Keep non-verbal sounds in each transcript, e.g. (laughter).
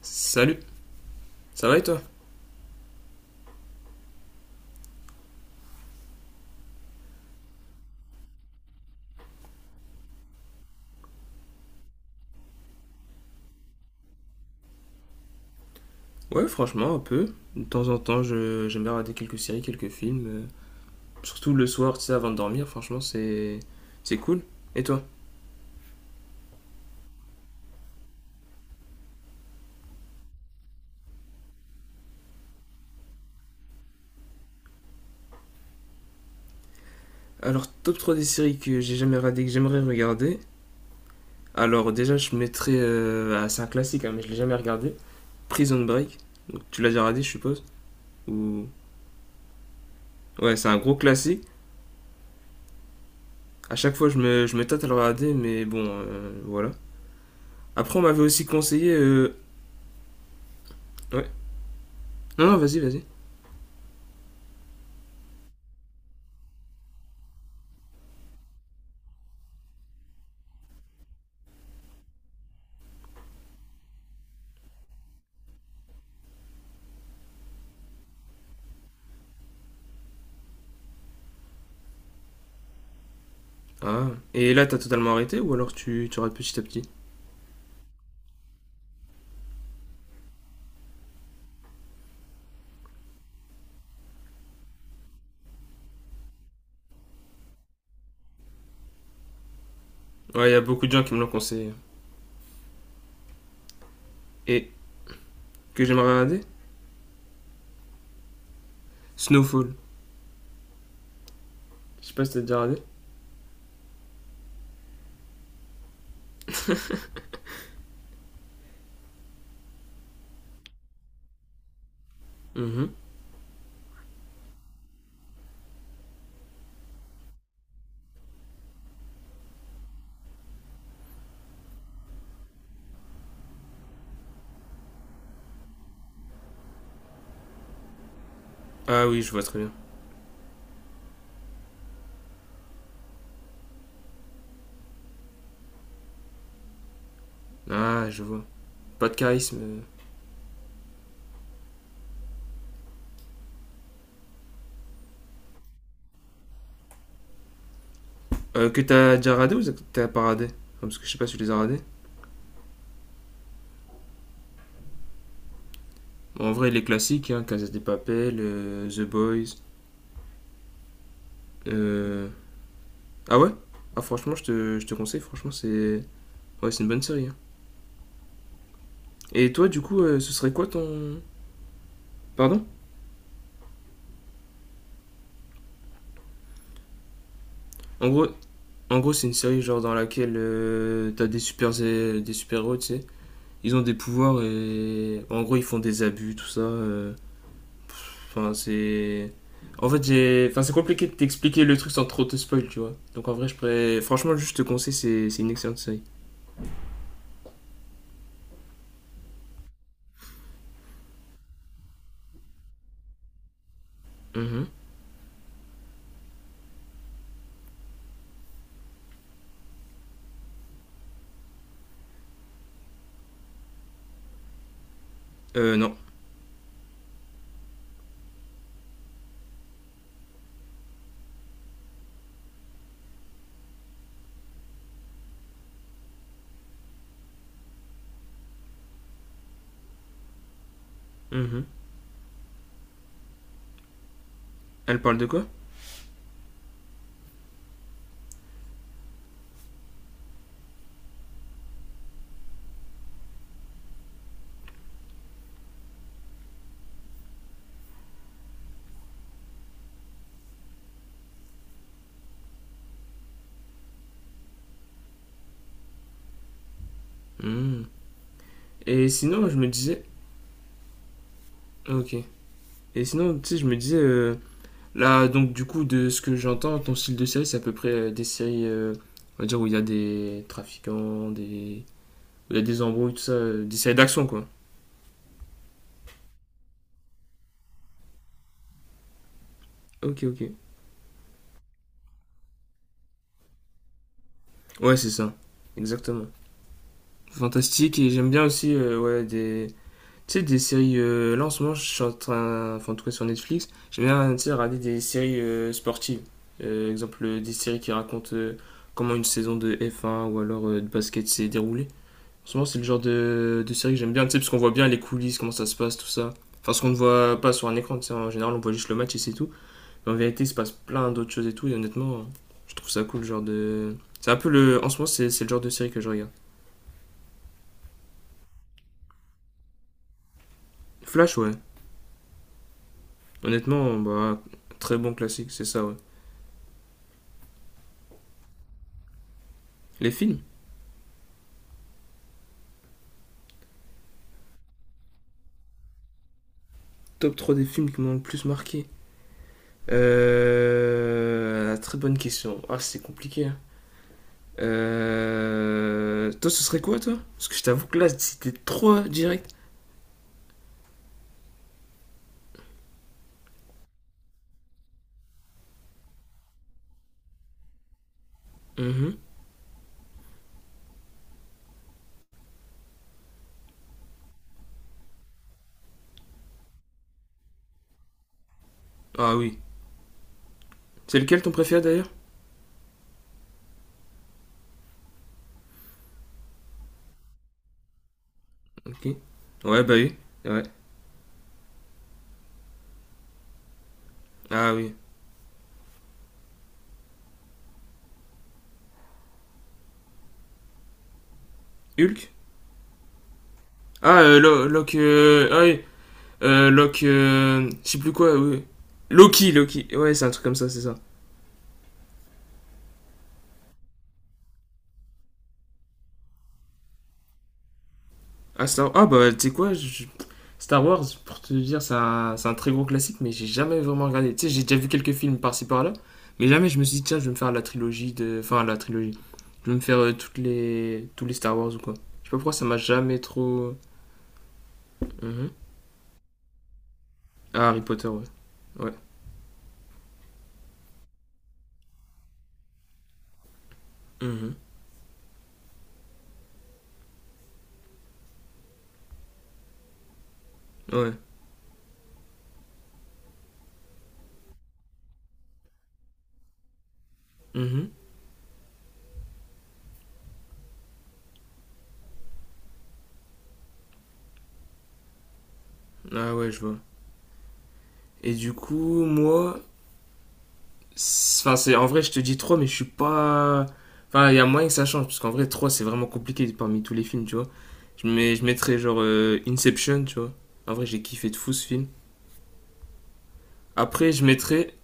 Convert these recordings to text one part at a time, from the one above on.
Salut, ça va et toi? Ouais, franchement, un peu. De temps en temps, j'aime bien regarder quelques séries, quelques films, surtout le soir, tu sais, avant de dormir, franchement, c'est cool. Et toi? Alors, top 3 des séries que j'ai jamais regardé, que j'aimerais regarder. Alors, déjà, je mettrais, ah, c'est un classique, hein, mais je l'ai jamais regardé. Prison Break. Donc, tu l'as déjà regardé, je suppose? Ou... Ouais, c'est un gros classique. À chaque fois, je me tâte à le regarder, mais bon, voilà. Après, on m'avait aussi conseillé. Ouais. Non, non, vas-y, vas-y. Ah, et là, t'as totalement arrêté ou alors tu rates petit à petit? Ouais, y a beaucoup de gens qui me l'ont conseillé. Et que j'aimerais regarder Snowfall. Je sais pas si t'as déjà regardé. Mhm. Ah oui, je vois très bien. Ah, je vois. Pas de charisme. Que t'as déjà radé ou t'as pas radé? Ah, parce que je sais pas si tu les as radés. Bon, en vrai, les classiques, hein, Casa de Papel, The Boys. Euh... Ah ouais. Ah franchement, je te conseille, franchement, c'est... Ouais, c'est une bonne série, hein. Et toi, du coup, ce serait quoi ton... Pardon. En gros, En gros, c'est une série genre dans laquelle t'as des super héros, tu sais. Ils ont des pouvoirs et en gros ils font des abus, tout ça. Enfin, c'est. En fait, j'ai. Enfin, c'est compliqué de t'expliquer le truc sans trop te spoil, tu vois. Donc en vrai, je pourrais. Franchement, juste te conseille, c'est une excellente série. Mhm. Non. Mhm. Elle parle de quoi? Mhm. Et sinon, je me disais. Ok. Et sinon, tu sais, je me disais. Là, donc, du coup, de ce que j'entends, ton style de série, c'est à peu près des séries, on va dire, où il y a des trafiquants, des... où il y a des embrouilles, tout ça, des séries d'action, quoi. Ok, ok. Ouais, c'est ça. Exactement. Fantastique, et j'aime bien aussi, ouais, des... Tu sais, des séries... là, en ce moment, je suis en train... Enfin, en tout cas, sur Netflix, j'aime bien, tu sais, regarder des séries sportives. Exemple, des séries qui racontent comment une saison de F1 ou alors de basket s'est déroulée. En ce moment, c'est le genre de série que j'aime bien, tu sais, parce qu'on voit bien les coulisses, comment ça se passe, tout ça. Enfin, ce qu'on ne voit pas sur un écran, tu sais, en général, on voit juste le match et c'est tout. Mais en vérité, il se passe plein d'autres choses et tout, et honnêtement, je trouve ça cool, le genre de. C'est un peu le. En ce moment, c'est le genre de série que je regarde. Flash, ouais. Honnêtement, bah, très bon classique, c'est ça, ouais. Les films. Top 3 des films qui m'ont le plus marqué. Très bonne question. Ah, c'est compliqué, hein. Toi, ce serait quoi, toi? Parce que je t'avoue que là, c'était trop direct. Mhm. Ah oui. C'est lequel ton préféré d'ailleurs? Ok. Ouais, bah oui. Ouais. Ah oui. Hulk. Lo- Locke, ah oui. Locke. Je sais plus quoi, oui, oui. Loki, Loki. Ouais, c'est un truc comme ça, c'est ça. Ah, Star. Ah, bah, tu sais quoi je- Star Wars, pour te dire, c'est c'est un très gros classique, mais j'ai jamais vraiment regardé. Tu sais, j'ai déjà vu quelques films par-ci par-là, mais jamais je me suis dit, tiens, je vais me faire la trilogie de. Enfin, la trilogie. Je vais me faire toutes les... tous les Star Wars ou quoi. Je sais pas pourquoi ça m'a jamais trop. Mhm. Ah, Harry Potter, ouais. Ouais. Mhm. Ouais. Mhm. Ah ouais, je vois. Et du coup, moi, c'est- enfin, c'est en vrai, je te dis 3 mais je suis pas. Enfin, il y a moyen que ça change, parce qu'en vrai, 3 c'est vraiment compliqué parmi tous les films, tu vois. Je, mets... je mettrais genre Inception, tu vois. En vrai, j'ai kiffé de fou ce film. Après, je mettrais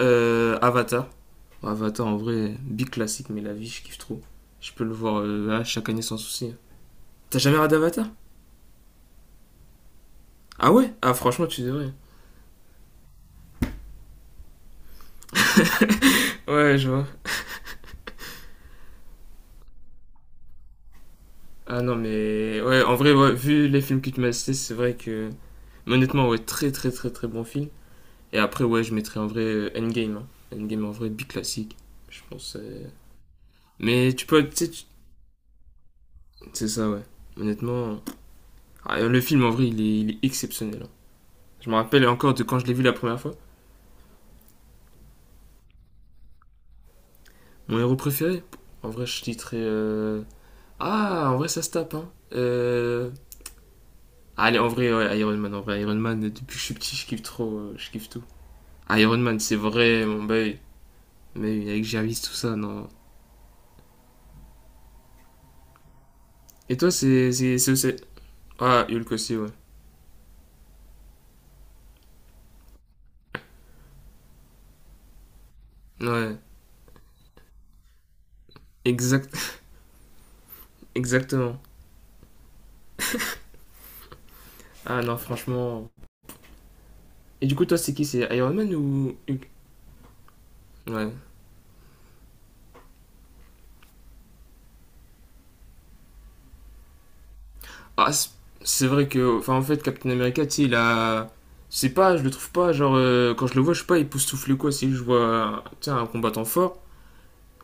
Avatar. Bon, Avatar, en vrai, big classique, mais la vie, je kiffe trop. Je peux le voir là, chaque année sans souci. T'as jamais regardé Avatar? Ah ouais? Ah, franchement, tu devrais. (laughs) Ouais, je vois. Ah non, mais ouais, en vrai, ouais, vu les films que tu m'as cités, c'est vrai que. Mais honnêtement, ouais, très très très très bon film. Et après, ouais, je mettrais en vrai Endgame, hein. Endgame en vrai, big classique. Je pense. Mais tu peux. Tu sais, tu- C'est ça, ouais. Honnêtement. Ah, le film en vrai, il est exceptionnel, hein. Je me rappelle encore de quand je l'ai vu la première fois. Mon héros préféré. En vrai, je titrais. Ah, en vrai, ça se tape, hein. Allez, en vrai, ouais, Iron Man. En vrai, Iron Man, depuis que je suis petit, je kiffe trop. Je kiffe tout. Iron Man, c'est vrai, mon boy. Mais oui, avec Jarvis, tout ça, non. Et toi, c'est. C'est- Ah, Hulk aussi, ouais. Ouais, exact... (laughs) exactement. Ah non, franchement. Et du coup, toi, c'est qui? C'est Iron Man ou Hulk? Ouais. Ah, c'est vrai que. Enfin, en fait, Captain America, tu sais, il a. C'est pas, je le trouve pas, genre, quand je le vois, je sais pas, il souffle quoi. Si je vois, tu sais, un combattant fort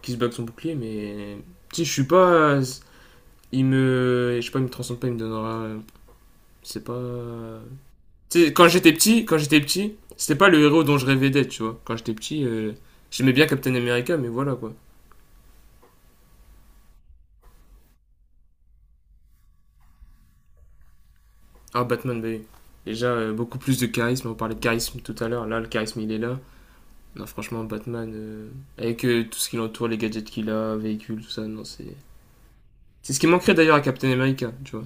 qui se bat avec son bouclier, mais. Tu sais, je suis pas. Il me. Je sais pas, il me transcende pas, il me donnera. C'est pas. Tu sais, quand j'étais petit, c'était pas le héros dont je rêvais d'être, tu vois. Quand j'étais petit, j'aimais bien Captain America, mais voilà quoi. Ah, Batman, bah, oui. Déjà beaucoup plus de charisme. On parlait de charisme tout à l'heure. Là, le charisme, il est là. Non, franchement, Batman, avec tout ce qui l'entoure, les gadgets qu'il a, véhicules, tout ça, non, c'est. C'est ce qui manquerait d'ailleurs à Captain America, tu vois.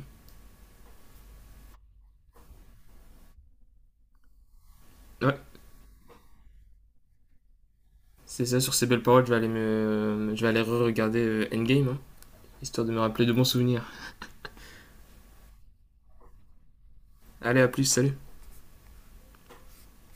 Ouais, c'est ça, sur ces belles paroles, je vais aller, me... je vais aller re-regarder Endgame, hein, histoire de me rappeler de bons souvenirs. Allez, à plus, salut!